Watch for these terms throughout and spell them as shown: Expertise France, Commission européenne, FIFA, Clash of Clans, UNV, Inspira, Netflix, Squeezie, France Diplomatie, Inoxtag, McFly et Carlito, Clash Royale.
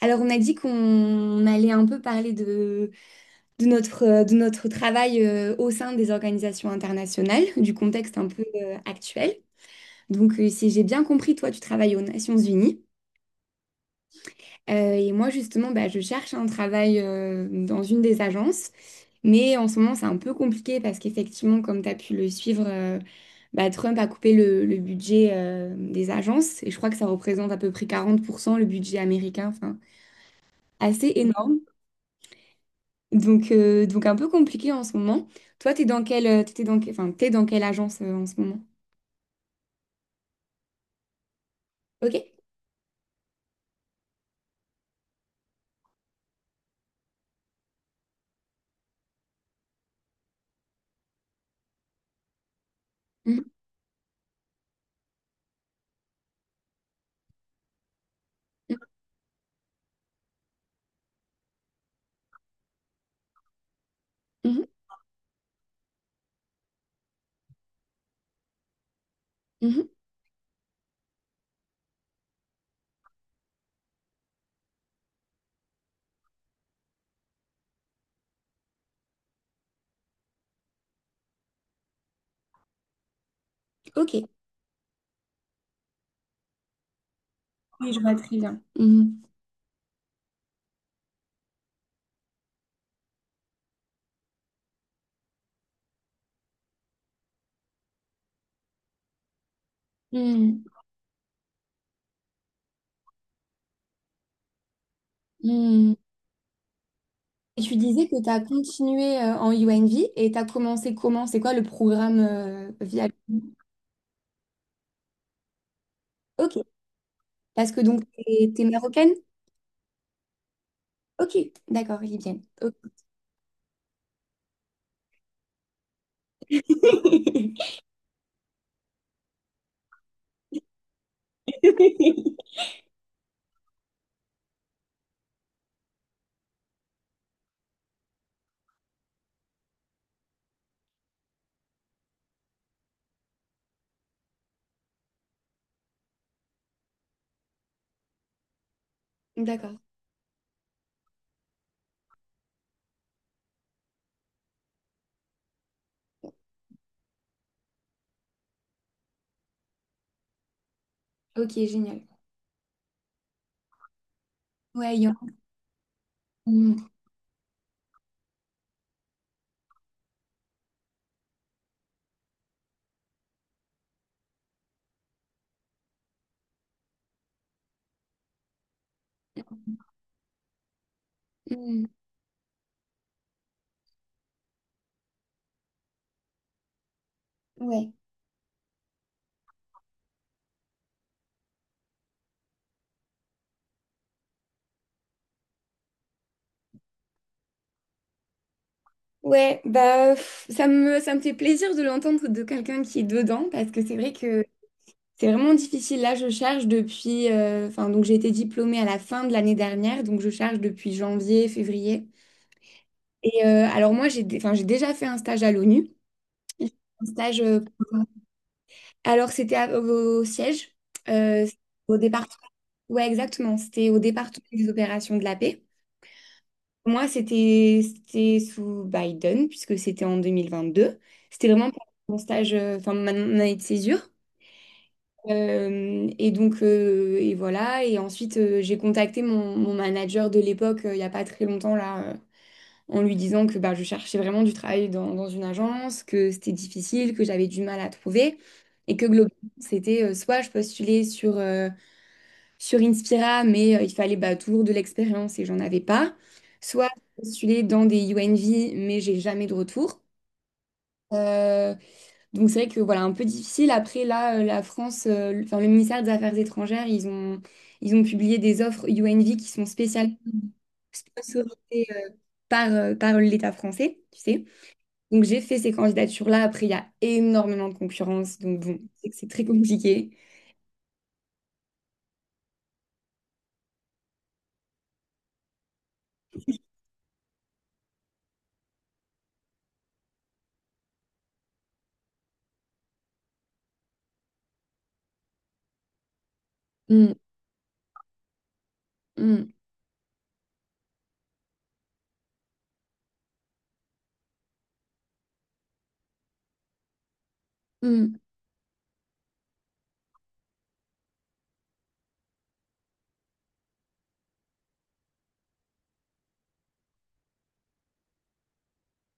Alors, on a dit qu'on allait un peu parler de notre travail au sein des organisations internationales, du contexte un peu actuel. Donc, si j'ai bien compris, toi, tu travailles aux Nations Unies. Et moi, justement, bah, je cherche un travail dans une des agences. Mais en ce moment, c'est un peu compliqué parce qu'effectivement, comme tu as pu le suivre, Trump a coupé le budget des agences. Et je crois que ça représente à peu près 40% le budget américain. Enfin, assez énorme. Donc un peu compliqué en ce moment. Toi, t'es dans quelle, t'es dans, que- enfin, t'es dans quelle agence en ce moment? Ok. Mhm, mhm, mhm. Ok. Oui, je vois très bien. Mhm. Mhm, mhm. Et tu disais que tu as continué en UNV et tu as commencé comment? C'est quoi le programme via... Ok. Parce que donc, t'es marocaine? Ok. D'accord, libyenne. Ok. D'accord. Ok, génial. Ouais, il y en- Mhm, mhm. Ouais. Ouais, bah pff, ça me fait plaisir de l'entendre de quelqu'un qui est dedans parce que c'est vrai que c'est vraiment difficile. Là, je charge depuis, enfin donc j'ai été diplômée à la fin de l'année dernière, donc je charge depuis janvier, février. Et alors moi j'ai, dé- enfin j'ai déjà fait un stage à l'ONU. J'ai fait un stage, alors c'était au siège, euh, au département. Ouais, exactement. C'était au département des opérations de la paix. Moi, c'était sous Biden, puisque c'était en 2022. C'était vraiment pour mon stage, mon année de césure. Et voilà. Et ensuite, j'ai contacté mon manager de l'époque, il n'y a pas très longtemps, en lui disant que bah, je cherchais vraiment du travail dans une agence, que c'était difficile, que j'avais du mal à trouver. Et que globalement, c'était soit je postulais sur Inspira, mais il fallait bah, toujours de l'expérience et j'en avais pas. Soit j'ai postulé dans des UNV, mais j'ai jamais de retour. Euh, donc c'est vrai que voilà, un peu difficile. Après, là, la France, le- enfin, le ministère des Affaires étrangères, ils ont publié des offres UNV qui sont spécialement autorisées par l'État français, tu sais. Donc j'ai fait ces candidatures-là. Après, il y a énormément de concurrence. Donc bon, c'est très compliqué. Mm, mm, mm,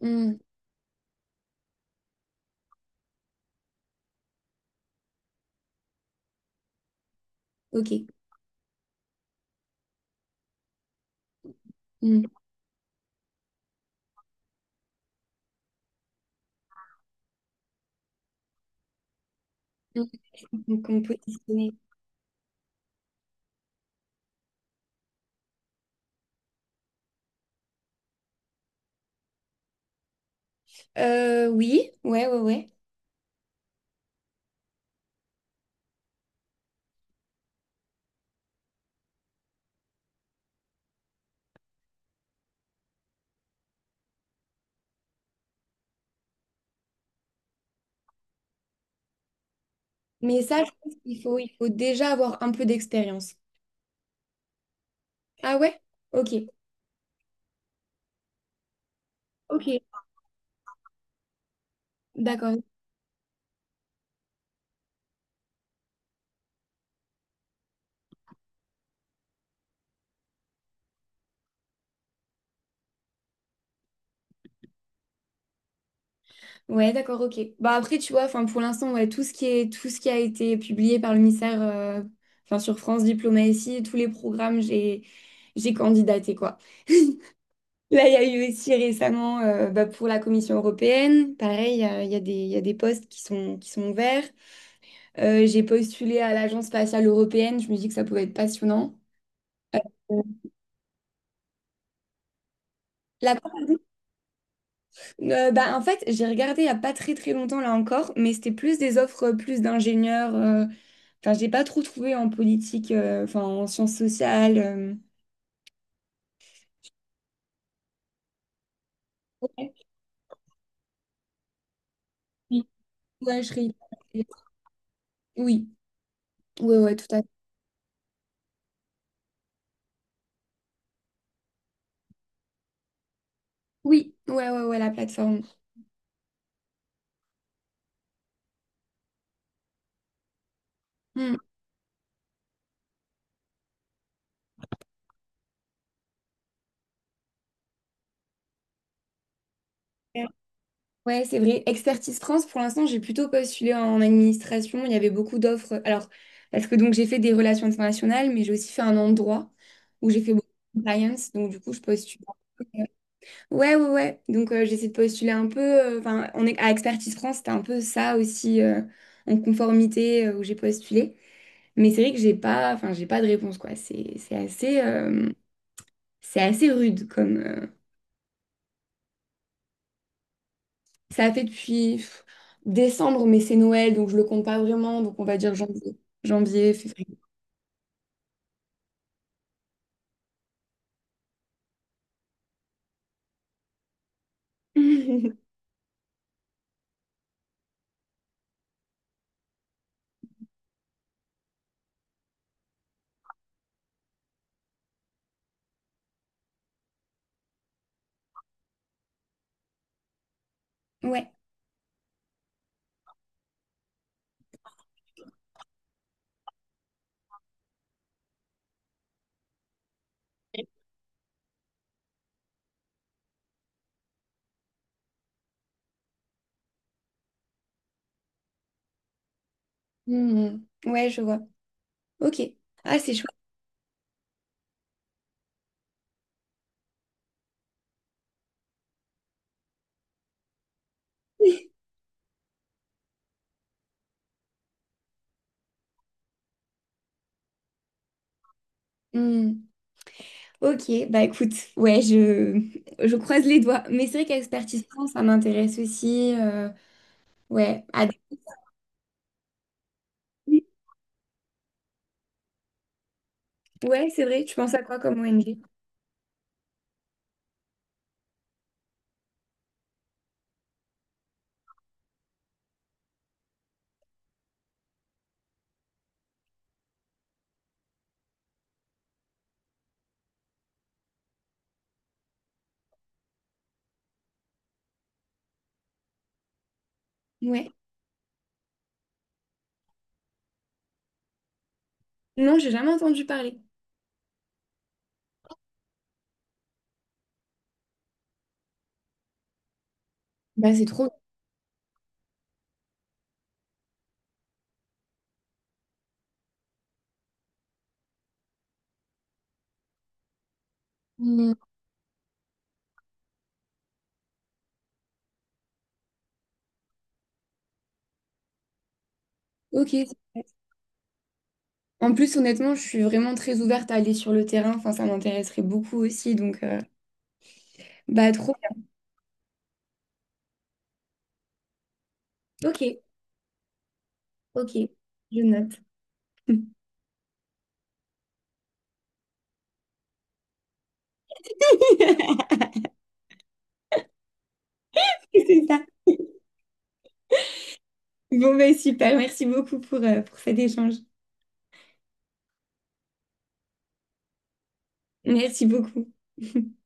mm. Ok. Mm, mm. Donc on peut dessiner. Oui, ouais, ouais, ouais. Mais ça, je pense qu'il faut, il faut déjà avoir un peu d'expérience. Ah ouais? Ok. Ok. D'accord. Ouais, d'accord, ok. Bah après, tu vois, enfin pour l'instant, ouais, tout ce qui a été publié par le ministère, enfin sur France Diplomatie, tous les programmes, j'ai candidaté, quoi. Là, il y a eu aussi récemment, pour la Commission européenne, pareil, il y a des postes qui sont ouverts. J'ai postulé à l'Agence spatiale européenne, je me dis que ça pouvait être passionnant. Euh, La... bah, en fait, j'ai regardé il n'y a pas très très longtemps là encore, mais c'était plus des offres plus d'ingénieurs. Enfin, j'ai pas trop trouvé en politique, enfin en sciences sociales. Ouais. Oui. Ouais, je serais- Oui, ouais, ouais, tout à fait. Oui, ouais, ouais, ouais, la plateforme. Hmm. Ouais, ouais, c'est vrai. Expertise France, pour l'instant, j'ai plutôt postulé en administration. Il y avait beaucoup d'offres. Alors, parce que donc j'ai fait des relations internationales, mais j'ai aussi fait un endroit où j'ai fait beaucoup de compliance. Donc, du coup, je postule. Ouais, ouais, ouais. Donc, j'essaie de postuler un peu. Enfin, on est à Expertise France, c'était un peu ça aussi en conformité où j'ai postulé. Mais c'est vrai que j'ai pas, enfin, j'ai pas de réponse, quoi. C'est assez rude comme. Ça a fait depuis pff, décembre, mais c'est Noël, donc je le compte pas vraiment. Donc, on va dire janvier, février. Ouais. Mhm. Ouais, je vois. Ok. Ah, c'est chouette. Hmm. Ok, bah écoute, ouais, je croise les doigts. Mais c'est vrai qu'expertise France, ça m'intéresse aussi. Ouais, à des- ouais, c'est vrai. Tu penses à quoi comme ONG? Ouais. Non, j'ai jamais entendu parler. Bah c'est trop. Hmm, ok. En plus, honnêtement, je suis vraiment très ouverte à aller sur le terrain. Enfin, ça m'intéresserait beaucoup aussi. Donc, bah trop bien. Ok, ok, je note. C'est ça. Bon, bah super. Merci beaucoup pour cet échange. Merci beaucoup.